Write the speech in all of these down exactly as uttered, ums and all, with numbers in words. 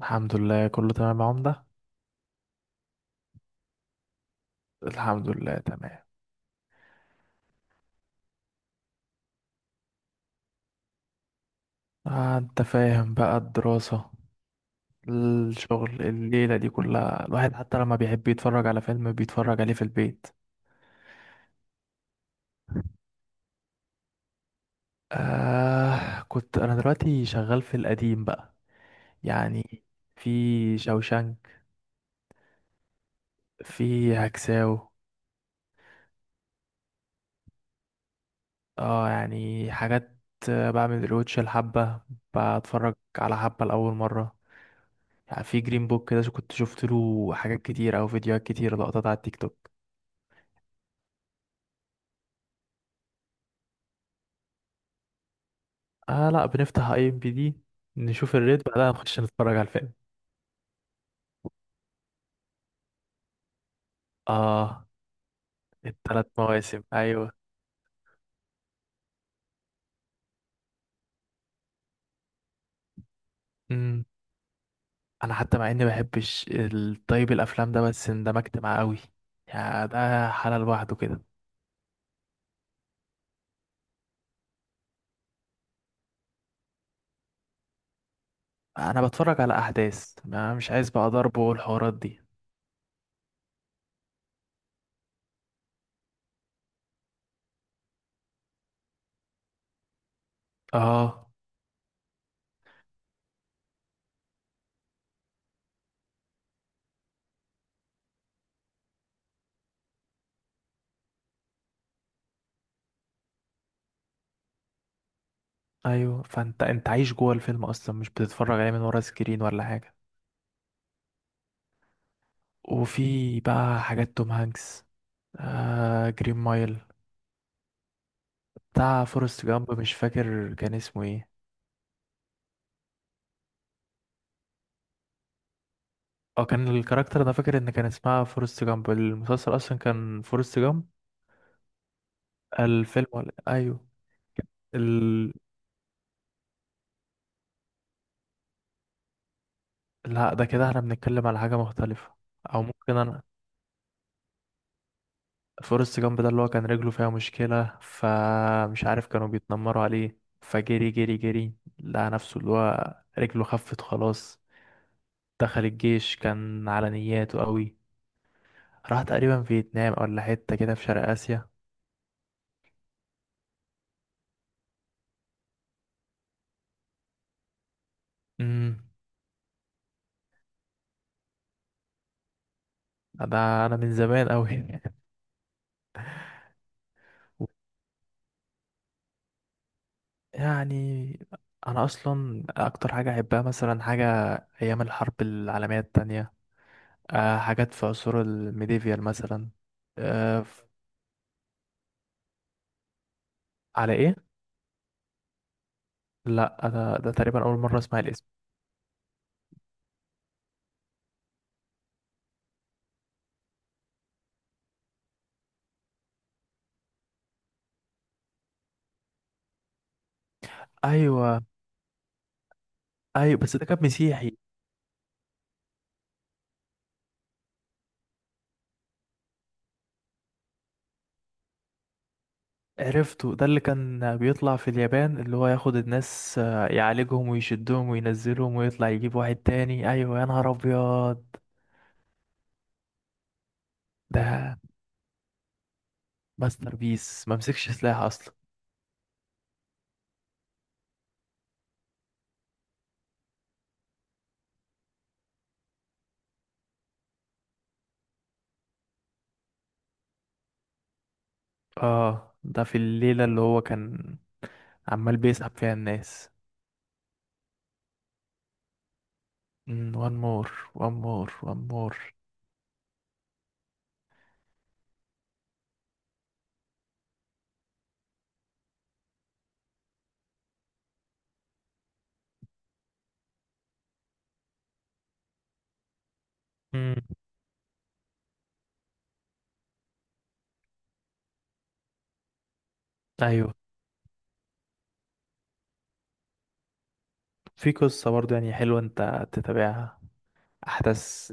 الحمد لله كله تمام يا عمدة. الحمد لله تمام. آه انت فاهم بقى الدراسة، الشغل، الليلة دي كلها الواحد حتى لما بيحب يتفرج على فيلم بيتفرج عليه في البيت. آه كنت انا دلوقتي شغال في القديم بقى، يعني في شوشانك، في هكساو. اه يعني حاجات، آه، بعمل ريوتش الحبة، بتفرج على حبة لأول مرة. يعني في جرين بوك كده كنت شفت له حاجات كتير أو فيديوهات كتير، لقطات على التيك توك. آه لا، بنفتح اي ام بي دي نشوف الريت، بعدها نخش نتفرج على الفيلم. اه الثلاث مواسم ايوه. امم، انا حتى مع اني ما بحبش الطيب الافلام ده بس اندمجت معاه قوي، يعني ده حالة لوحده كده. انا بتفرج على احداث، ما مش عايز بقى ضرب والحوارات دي. اه ايوه، فانت انت عايش جوه الفيلم اصلا، مش بتتفرج عليه من ورا سكرين ولا حاجه. وفي بقى حاجات توم هانكس، آه جرين مايل، بتاع فورست جامب مش فاكر كان اسمه ايه. اه كان الكاركتر، انا فاكر ان كان اسمها فورست جامب، المسلسل اصلا كان فورست جامب. الفيلم ولا ايوه. ال... لا، ده كده احنا بنتكلم على حاجة مختلفة. او ممكن انا. فورست جامب ده اللي هو كان رجله فيها مشكلة، فمش عارف كانوا بيتنمروا عليه، فجري جري جري، لقى نفسه اللي هو رجله خفت خلاص. دخل الجيش، كان على نياته قوي. راح تقريبا فيتنام ولا حتة كده في شرق آسيا. امم، ده انا من زمان قوي. يعني انا اصلا اكتر حاجه احبها مثلا حاجه ايام الحرب العالميه التانية، أه حاجات في عصور الميديفيال مثلا. أه ف- على ايه؟ لا انا ده تقريبا اول مره اسمع الاسم. ايوه ايوه، بس ده كان مسيحي. عرفته، ده اللي كان بيطلع في اليابان اللي هو ياخد الناس، آه، يعالجهم ويشدهم وينزلهم ويطلع يجيب واحد تاني، ايوه يا نهار ابيض. ده ماستر بيس، ممسكش سلاح اصلا. اه ده في الليلة اللي هو كان عمال بيسحب فيها الناس. وان مور، وان مور، وان مور. مم. ايوه في قصة برضه يعني حلوة انت تتابعها، احداث.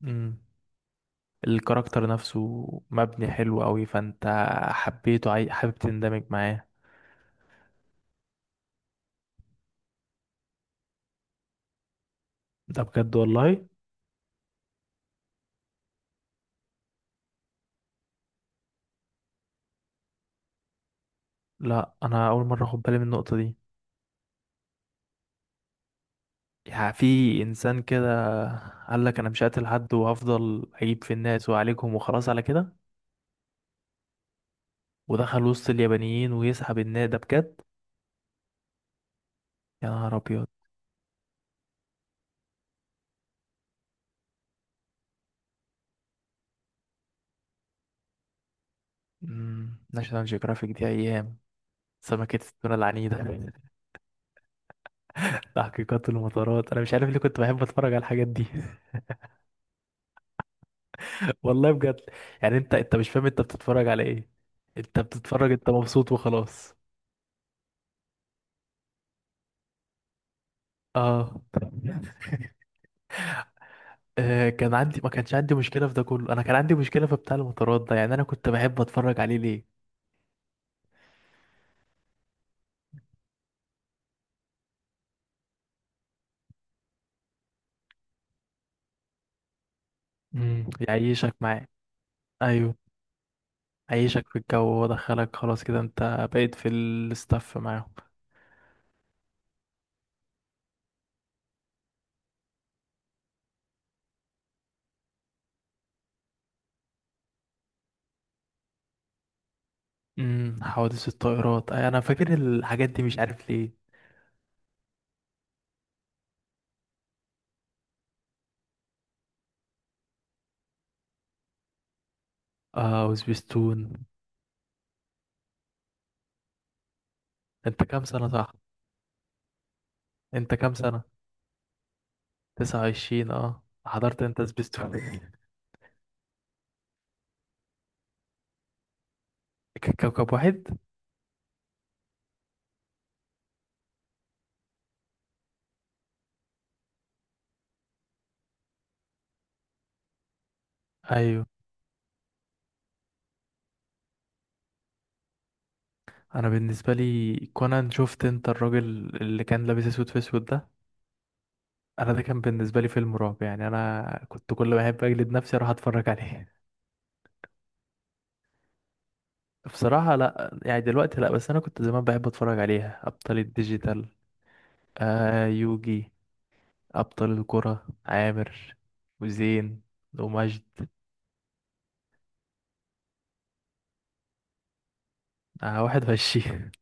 مم. الكاركتر نفسه مبني حلو قوي، فانت حبيته، عاي... حابب تندمج معاه. ده بجد والله. لا انا اول مرة اخد بالي من النقطة دي. يعني في انسان كده قال لك انا مش هقتل حد وهفضل اجيب في الناس واعالجهم وخلاص على كده، ودخل وسط اليابانيين ويسحب الناس، ده بجد. يا نهار ابيض. مم، ناشونال جيوغرافيك دي ايام سمكة التونة العنيدة، تحقيقات المطارات، انا مش عارف ليه كنت بحب اتفرج على الحاجات دي. والله بجد، يعني انت انت مش فاهم انت بتتفرج على ايه، انت بتتفرج، انت مبسوط وخلاص. اه آه، كان عندي، ما كانش عندي مشكلة في ده كله، انا كان عندي مشكلة في بتاع المطارات ده، يعني انا كنت بحب اتفرج عليه ليه. امم، يعيشك معاه. ايوه، عيشك في الجو ودخلك، خلاص كده انت بقيت في الاستاف معاهم. امم، حوادث الطائرات، أي انا فاكر الحاجات دي مش عارف ليه. اه وسبيستون. انت كام سنة؟ صح. انت كام سنة؟ تسعة وعشرين. اه حضرت انت سبيستون. ك- كوكب واحد. ايوه. انا بالنسبة لي كونان، شفت انت الراجل اللي كان لابس اسود في اسود ده؟ انا ده كان بالنسبة لي فيلم رعب، يعني انا كنت كل ما احب اجلد نفسي اروح اتفرج عليه. بصراحة لا، يعني دلوقتي لا، بس انا كنت زمان بحب اتفرج عليها، ابطال الديجيتال، آه يوجي، أبطال الكرة عامر وزين ومجد. آه واحد وعشرين.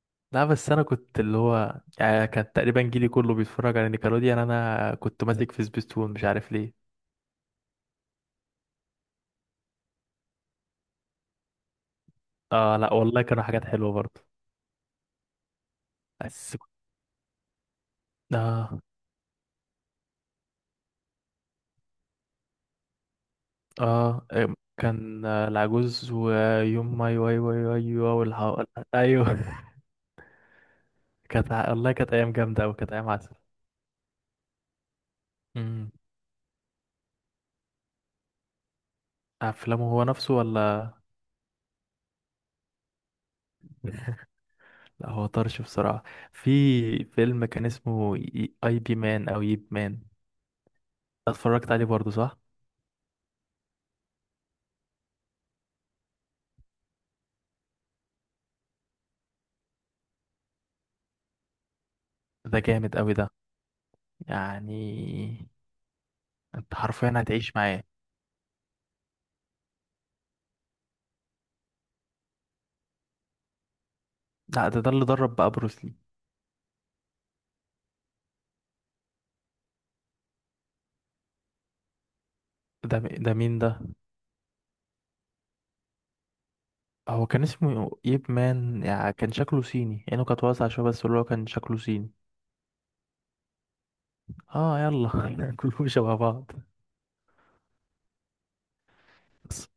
لا بس أنا كنت اللي هو يعني كان تقريبا جيلي كله بيتفرج على نيكلوديان يعني. أنا كنت ماسك في سبيستون مش عارف ليه. آه لا والله كانوا حاجات حلوة برضه. بس كنت- آه. آه إم، كان آه، العجوز ويوم ماي واي واي واي واي والحو... أيوه. كانت ع- والله كانت أيام جامدة أوي، كانت أيام عسل. أمم. أفلامه هو نفسه ولا؟ لا هو طرش بصراحة. في فيلم كان اسمه اي بي مان او ييب مان، اتفرجت عليه برضو صح؟ ده جامد قوي ده، يعني انت حرفيا هتعيش معاه. لا ده ده اللي درب بقى بروسلي. ده م- ده مين ده؟ هو كان اسمه ييب مان، يعني كان شكله صيني، عينه كانت واسعة شوية، بس اللي هو كان شكله صيني. اه يلا. كلهم شبه بعض. بس.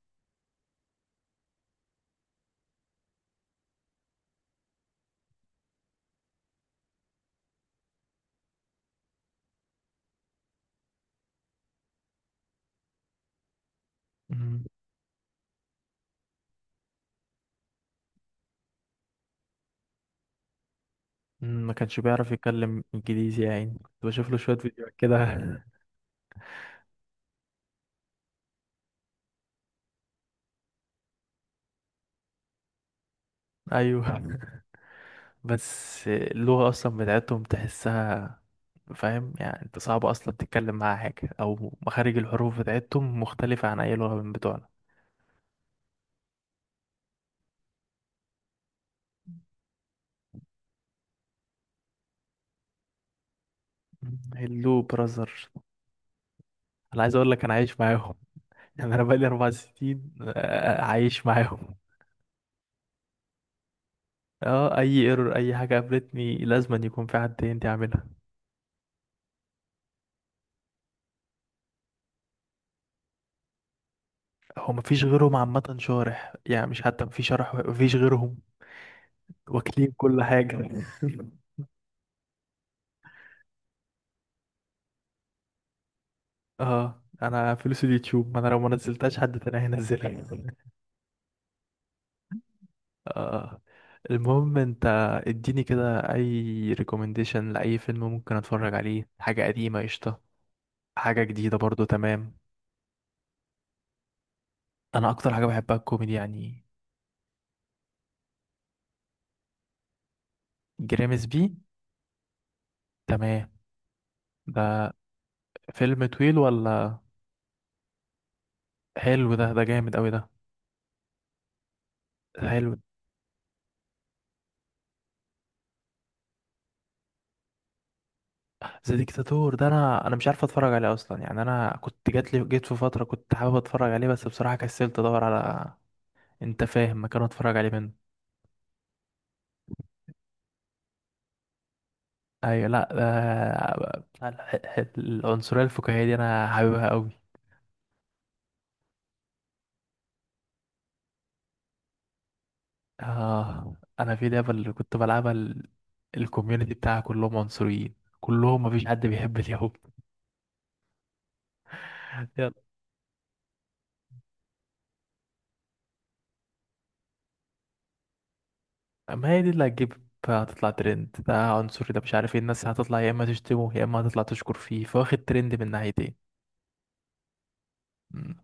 مم. مم، ما كانش بيعرف يتكلم انجليزي، يعني كنت بشوف له شوية فيديوهات كده. ايوه، بس اللغة أصلا بتاعتهم تحسها، فاهم؟ يعني أنت صعب أصلا تتكلم معاها حاجة، أو مخارج الحروف بتاعتهم مختلفة عن أي لغة من بتوعنا. هلو براذر. أنا عايز أقول لك أنا عايش معاهم. يعني أنا بقالي أربع سنين آه، عايش معاهم. أه أي ايرور، أي حاجة قابلتني لازم أن يكون في حد تاني يعملها. هو مفيش غيرهم عامة شارح، يعني مش حتى مفيش شرح، مفيش غيرهم. واكلين كل حاجة. اه انا فلوس اليوتيوب، ما انا لو ما نزلتهاش حد تاني هينزلها. اه. المهم انت اديني كده اي ريكومنديشن لاي فيلم ممكن اتفرج عليه، حاجه قديمه قشطه، حاجه جديده برضو تمام. انا اكتر حاجه بحبها الكوميدي يعني. جريمس بي. تمام. ده فيلم طويل ولا؟ حلو ده، ده جامد قوي ده. حلو. ذا ديكتاتور ده انا انا مش عارف اتفرج عليه اصلا، يعني انا كنت جات لي، جيت في فتره كنت حابب اتفرج عليه بس بصراحه كسلت ادور على، انت فاهم، مكان اتفرج عليه منه. ايوه، لا ده بتاع الح- ح- العنصريه الفكاهيه دي انا حاببها قوي. اه انا في لعبه اللي كنت بلعبها ال- الكوميونتي بتاعها كلهم عنصريين، كلهم مفيش حد بيحب اليهود. يلا. ما هي دي اللي هتجيب، هتطلع ترند، ده عنصري، ده مش عارف ايه، الناس هتطلع يا اما تشتمه يا اما هتطلع تشكر فيه، فواخد ترند من ناحيتين. مم.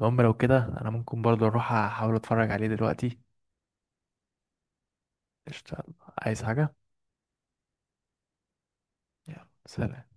المهم لو كده انا ممكن برضه اروح احاول اتفرج عليه دلوقتي. قشطة، يلا. عايز حاجه؟ يلا سلام.